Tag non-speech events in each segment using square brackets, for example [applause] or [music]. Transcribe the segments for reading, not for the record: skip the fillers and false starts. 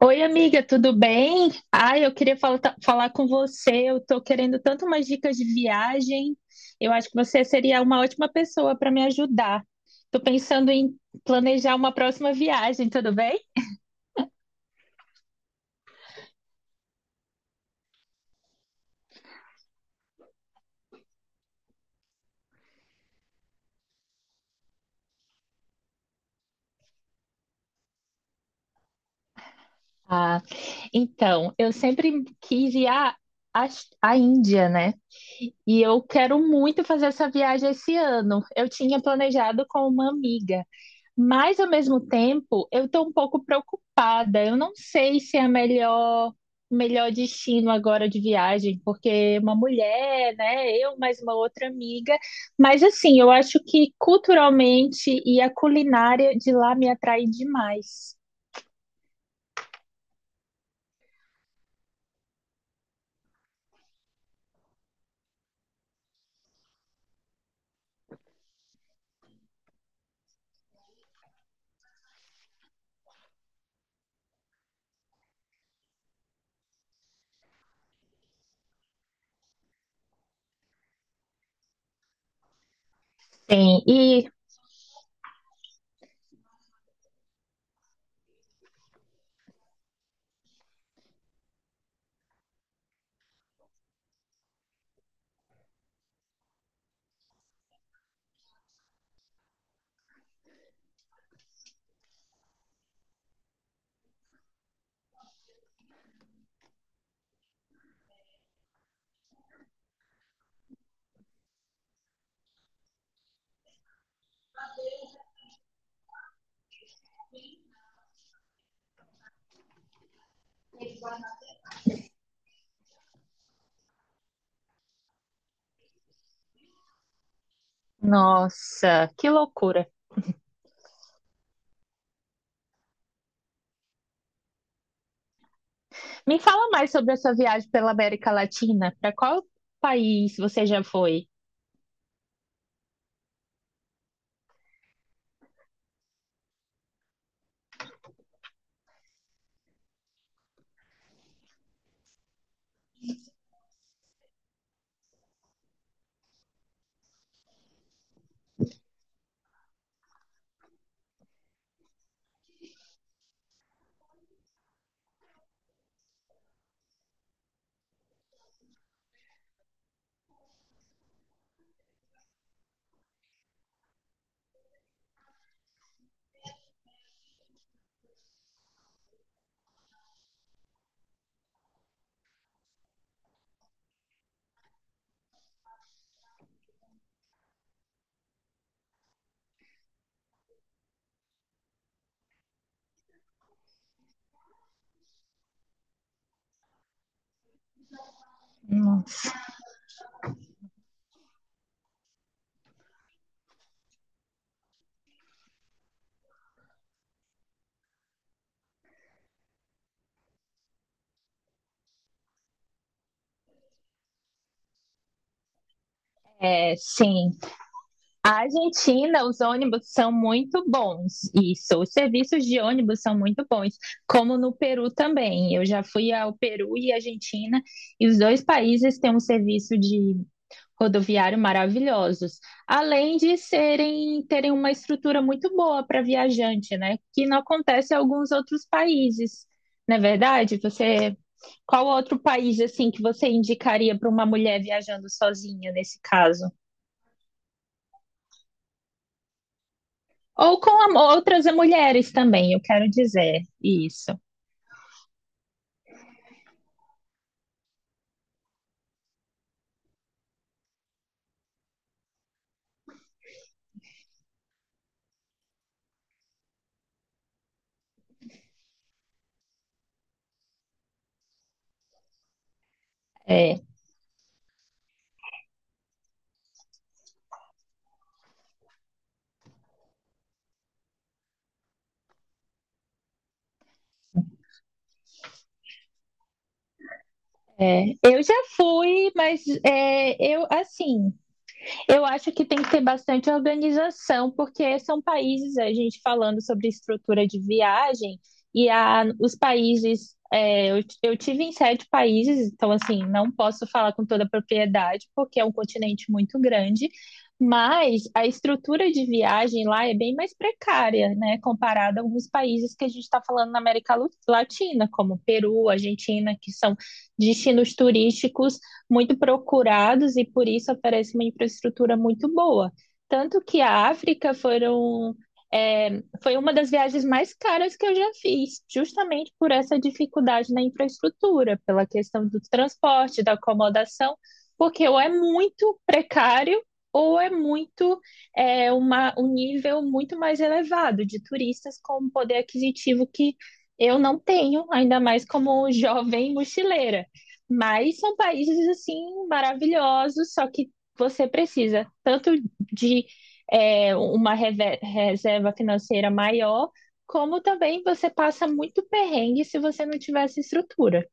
Oi, amiga, tudo bem? Ai, eu queria falar com você. Eu tô querendo tanto umas dicas de viagem. Eu acho que você seria uma ótima pessoa para me ajudar. Tô pensando em planejar uma próxima viagem, tudo bem? Ah, então, eu sempre quis ir à, à Índia, né? E eu quero muito fazer essa viagem esse ano. Eu tinha planejado com uma amiga. Mas, ao mesmo tempo, eu estou um pouco preocupada. Eu não sei se é o melhor destino agora de viagem, porque uma mulher, né? Eu mais uma outra amiga. Mas, assim, eu acho que culturalmente e a culinária de lá me atrai demais. Sim, e nossa, que loucura. Me fala mais sobre a sua viagem pela América Latina. Para qual país você já foi? Nossa, é, sim. A Argentina, os ônibus são muito bons, isso. Os serviços de ônibus são muito bons, como no Peru também. Eu já fui ao Peru e Argentina, e os dois países têm um serviço de rodoviário maravilhosos, além de serem terem uma estrutura muito boa para viajante, né? Que não acontece em alguns outros países. Não é verdade? Você, qual outro país assim que você indicaria para uma mulher viajando sozinha nesse caso? Ou com outras mulheres também, eu quero dizer isso. É, é. Eu já fui, mas é, eu assim, eu acho que tem que ter bastante organização, porque são países, a gente falando sobre estrutura de viagem, e os países. É, eu tive em sete países, então, assim, não posso falar com toda a propriedade, porque é um continente muito grande, mas a estrutura de viagem lá é bem mais precária, né, comparada a alguns países que a gente está falando na América Latina, como Peru, Argentina, que são destinos turísticos muito procurados e por isso oferece uma infraestrutura muito boa. Tanto que a África foram, é, foi uma das viagens mais caras que eu já fiz, justamente por essa dificuldade na infraestrutura, pela questão do transporte, da acomodação, porque ou é muito precário ou é muito é, uma, um nível muito mais elevado de turistas com um poder aquisitivo que eu não tenho, ainda mais como [laughs] jovem mochileira. Mas são países assim maravilhosos, só que você precisa tanto de é, uma reserva financeira maior, como também você passa muito perrengue se você não tiver essa estrutura.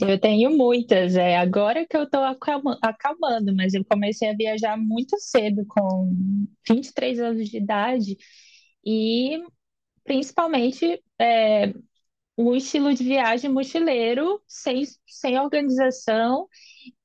Eu tenho muitas, é agora que eu estou acalmando, mas eu comecei a viajar muito cedo, com 23 anos de idade, e principalmente é, um estilo de viagem mochileiro, sem organização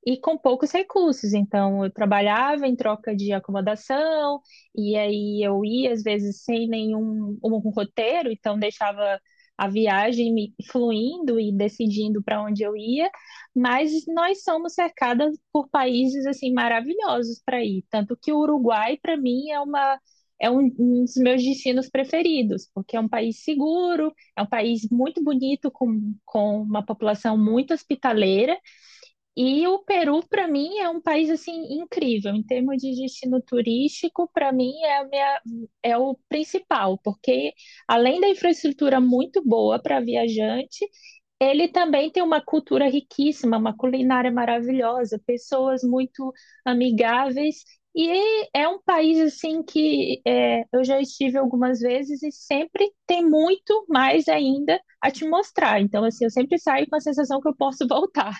e com poucos recursos. Então, eu trabalhava em troca de acomodação, e aí eu ia, às vezes, sem nenhum um roteiro, então deixava a viagem me fluindo e decidindo para onde eu ia, mas nós somos cercadas por países assim maravilhosos para ir, tanto que o Uruguai para mim é uma é um, um dos meus destinos preferidos, porque é um país seguro, é um país muito bonito, com uma população muito hospitaleira, e o Peru, para mim, é um país assim incrível em termos de destino turístico. Para mim, é o principal, porque além da infraestrutura muito boa para viajante, ele também tem uma cultura riquíssima, uma culinária maravilhosa, pessoas muito amigáveis. E é um país assim que é, eu já estive algumas vezes e sempre tem muito mais ainda a te mostrar. Então, assim, eu sempre saio com a sensação que eu posso [laughs] voltar.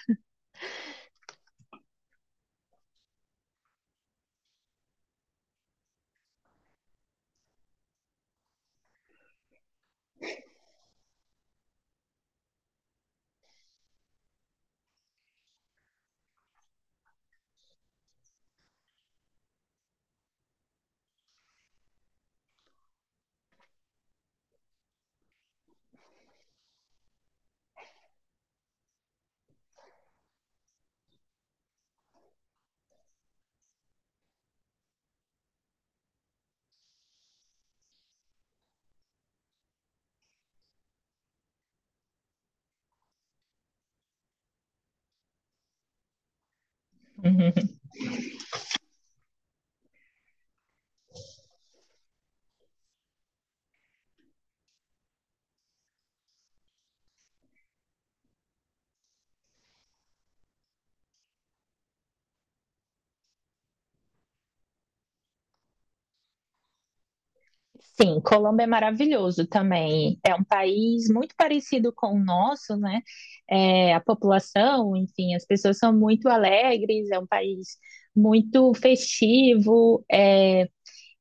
Sim, Colômbia é maravilhoso também. É um país muito parecido com o nosso, né? É, a população, enfim, as pessoas são muito alegres, é um país muito festivo, é,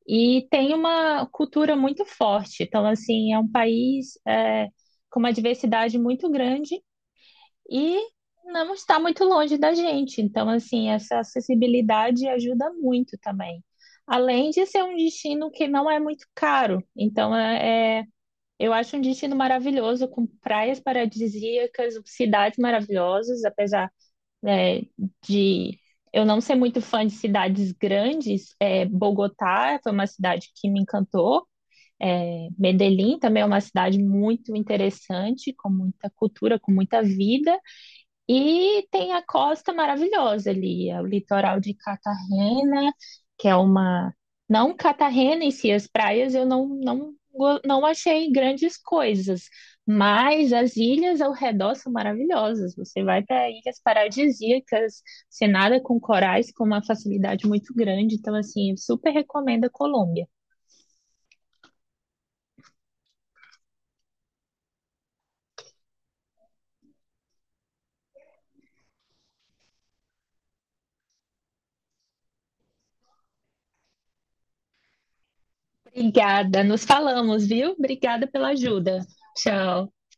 e tem uma cultura muito forte. Então, assim, é um país é, com uma diversidade muito grande e não está muito longe da gente. Então, assim, essa acessibilidade ajuda muito também. Além de ser um destino que não é muito caro. Então, é, é eu acho um destino maravilhoso, com praias paradisíacas, cidades maravilhosas, apesar, né, de eu não ser muito fã de cidades grandes. É, Bogotá foi uma cidade que me encantou. É, Medellín também é uma cidade muito interessante, com muita cultura, com muita vida. E tem a costa maravilhosa ali, é o litoral de Cartagena, que é uma. Não Cartagena em si, as praias eu não, não, não achei grandes coisas, mas as ilhas ao redor são maravilhosas. Você vai para ilhas paradisíacas, você nada com corais com uma facilidade muito grande. Então, assim, eu super recomendo a Colômbia. Obrigada, nos falamos, viu? Obrigada pela ajuda. Tchau.